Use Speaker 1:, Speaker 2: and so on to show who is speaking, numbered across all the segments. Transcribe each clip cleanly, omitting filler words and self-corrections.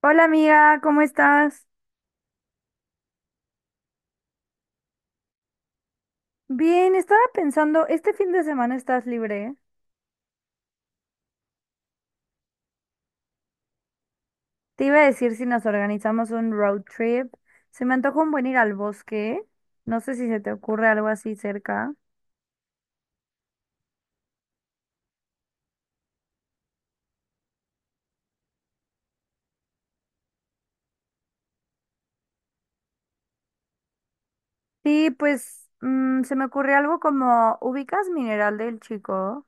Speaker 1: Hola amiga, ¿cómo estás? Bien, estaba pensando, ¿este fin de semana estás libre? Te iba a decir si nos organizamos un road trip. Se me antoja un buen ir al bosque. No sé si se te ocurre algo así cerca. Sí, pues se me ocurre algo como, ¿ubicas Mineral del Chico?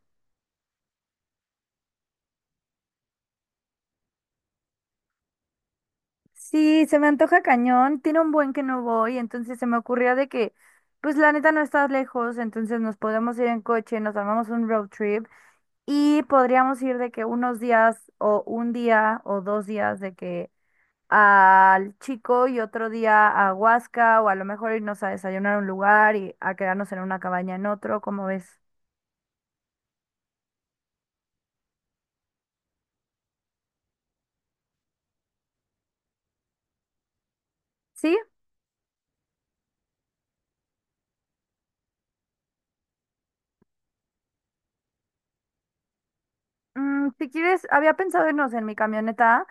Speaker 1: Sí, se me antoja cañón. Tiene un buen que no voy, entonces se me ocurría de que, pues la neta no estás lejos, entonces nos podemos ir en coche, nos armamos un road trip. Y podríamos ir de que unos días o un día o 2 días de que al Chico y otro día a Huasca o a lo mejor irnos a desayunar a un lugar y a quedarnos en una cabaña en otro, ¿cómo ves? Sí. Mm, si quieres, había pensado irnos en mi camioneta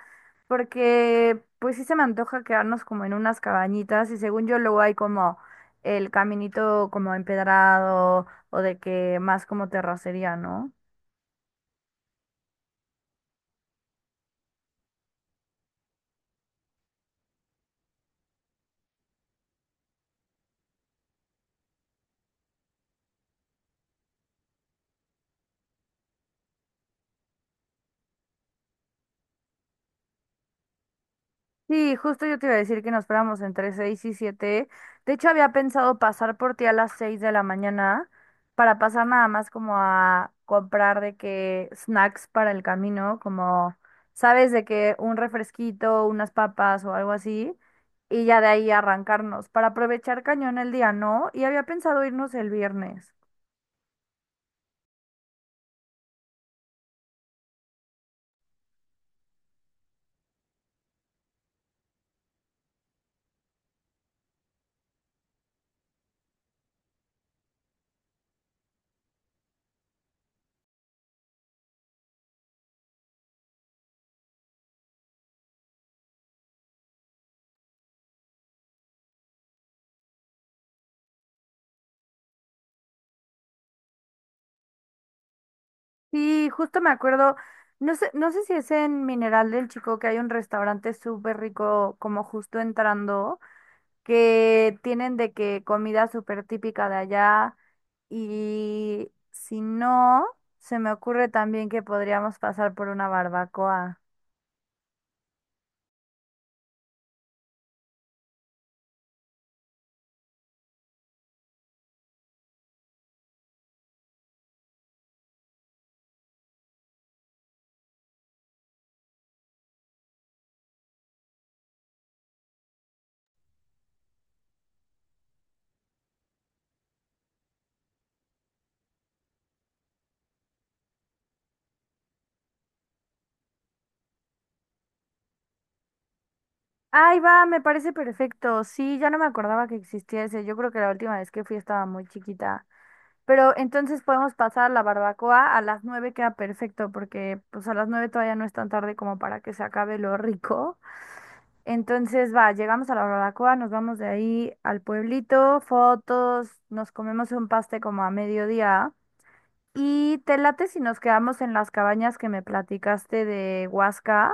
Speaker 1: porque pues sí se me antoja quedarnos como en unas cabañitas y según yo luego hay como el caminito como empedrado o de que más como terracería, ¿no? Sí, justo yo te iba a decir que nos fuéramos entre 6 y 7. De hecho, había pensado pasar por ti a las 6 de la mañana para pasar nada más como a comprar de que snacks para el camino, como, sabes, de que un refresquito, unas papas o algo así, y ya de ahí arrancarnos para aprovechar cañón el día, ¿no? Y había pensado irnos el viernes. Sí, justo me acuerdo, no sé, no sé si es en Mineral del Chico que hay un restaurante súper rico como justo entrando. Que tienen de que comida súper típica de allá y si no, se me ocurre también que podríamos pasar por una barbacoa. Ahí va, me parece perfecto. Sí, ya no me acordaba que existía ese. Yo creo que la última vez que fui estaba muy chiquita. Pero entonces podemos pasar la barbacoa a las 9, queda perfecto, porque pues a las 9 todavía no es tan tarde como para que se acabe lo rico. Entonces, va, llegamos a la barbacoa, nos vamos de ahí al pueblito, fotos, nos comemos un paste como a mediodía. Y te late si nos quedamos en las cabañas que me platicaste de Huasca.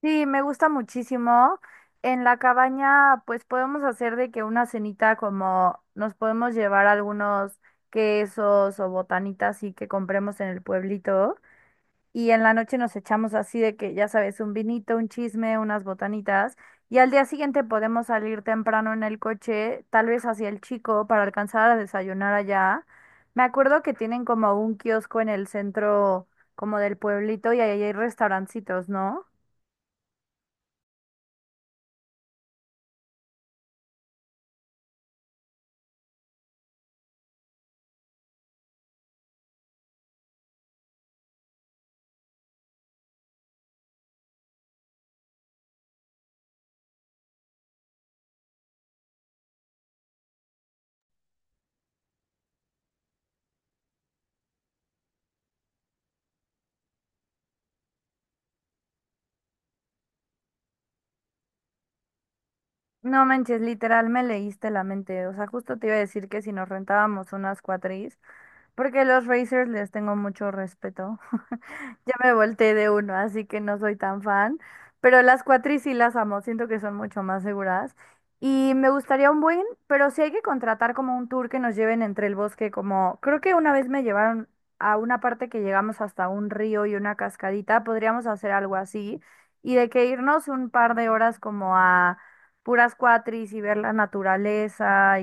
Speaker 1: Sí, me gusta muchísimo. En la cabaña, pues podemos hacer de que una cenita como nos podemos llevar algunos quesos o botanitas y que compremos en el pueblito. Y en la noche nos echamos así de que, ya sabes, un vinito, un chisme, unas botanitas. Y al día siguiente podemos salir temprano en el coche, tal vez hacia el Chico, para alcanzar a desayunar allá. Me acuerdo que tienen como un kiosco en el centro como del pueblito y ahí hay restaurancitos, ¿no? No manches, literal me leíste la mente. O sea, justo te iba a decir que si nos rentábamos unas cuatris, porque los Racers les tengo mucho respeto. Ya me volteé de uno, así que no soy tan fan. Pero las cuatris sí las amo, siento que son mucho más seguras. Y me gustaría un buen, pero sí hay que contratar como un tour que nos lleven entre el bosque, como creo que una vez me llevaron a una parte que llegamos hasta un río y una cascadita, podríamos hacer algo así. Y de que irnos un par de horas como a puras cuatris y ver la naturaleza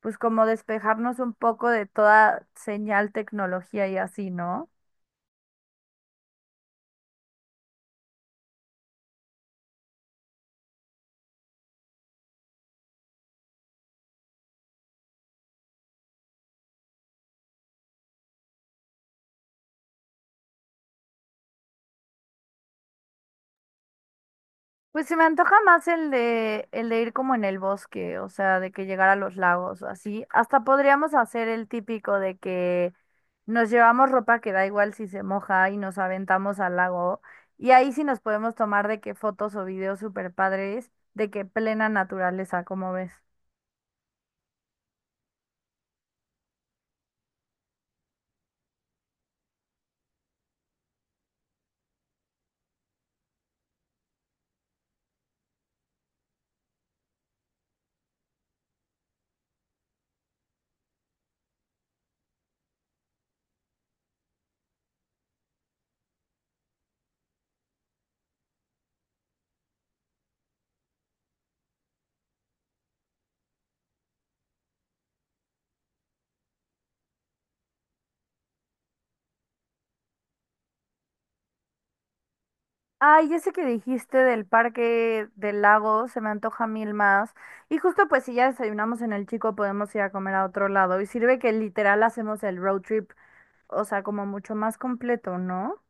Speaker 1: pues como despejarnos un poco de toda señal, tecnología y así, ¿no? Pues se me antoja más el de ir como en el bosque, o sea, de que llegar a los lagos o así. Hasta podríamos hacer el típico de que nos llevamos ropa que da igual si se moja y nos aventamos al lago. Y ahí sí nos podemos tomar de que fotos o videos super padres, de que plena naturaleza, como ves. Ay, ese que dijiste del parque del lago se me antoja mil más. Y justo pues si ya desayunamos en el Chico podemos ir a comer a otro lado. Y sirve que literal hacemos el road trip, o sea, como mucho más completo, ¿no?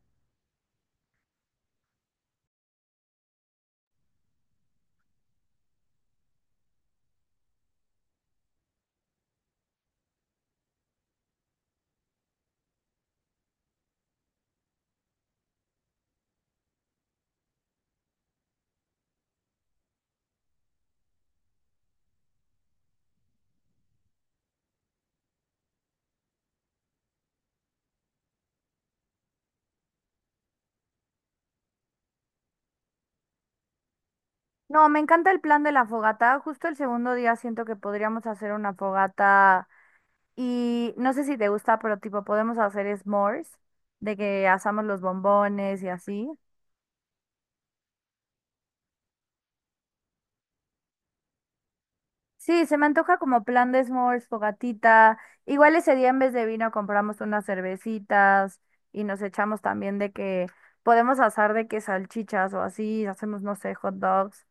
Speaker 1: No, me encanta el plan de la fogata. Justo el segundo día siento que podríamos hacer una fogata y no sé si te gusta, pero tipo podemos hacer s'mores, de que asamos los bombones y así. Sí, se me antoja como plan de s'mores, fogatita. Igual ese día en vez de vino compramos unas cervecitas y nos echamos también de que podemos asar de que salchichas o así, hacemos, no sé, hot dogs.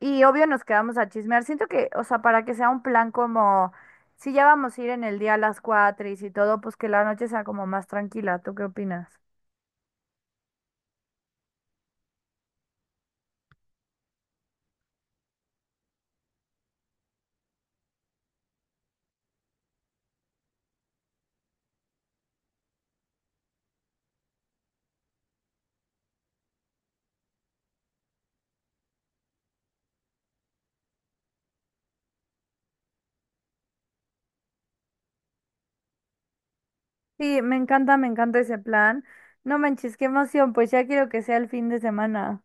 Speaker 1: Y obvio nos quedamos a chismear. Siento que, o sea, para que sea un plan como, si ya vamos a ir en el día a las 4 y si todo, pues que la noche sea como más tranquila. ¿Tú qué opinas? Sí, me encanta ese plan. No manches, qué emoción, pues ya quiero que sea el fin de semana.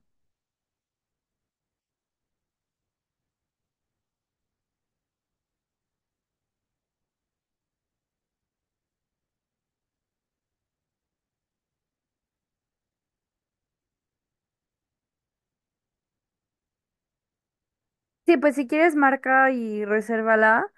Speaker 1: Sí, pues si quieres marca y resérvala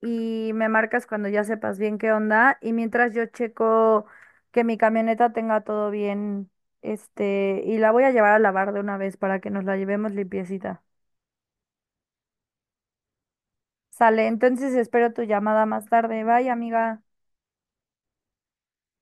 Speaker 1: y me marcas cuando ya sepas bien qué onda. Y mientras yo checo que mi camioneta tenga todo bien, este, y la voy a llevar a lavar de una vez para que nos la llevemos limpiecita. Sale, entonces espero tu llamada más tarde. Bye, amiga.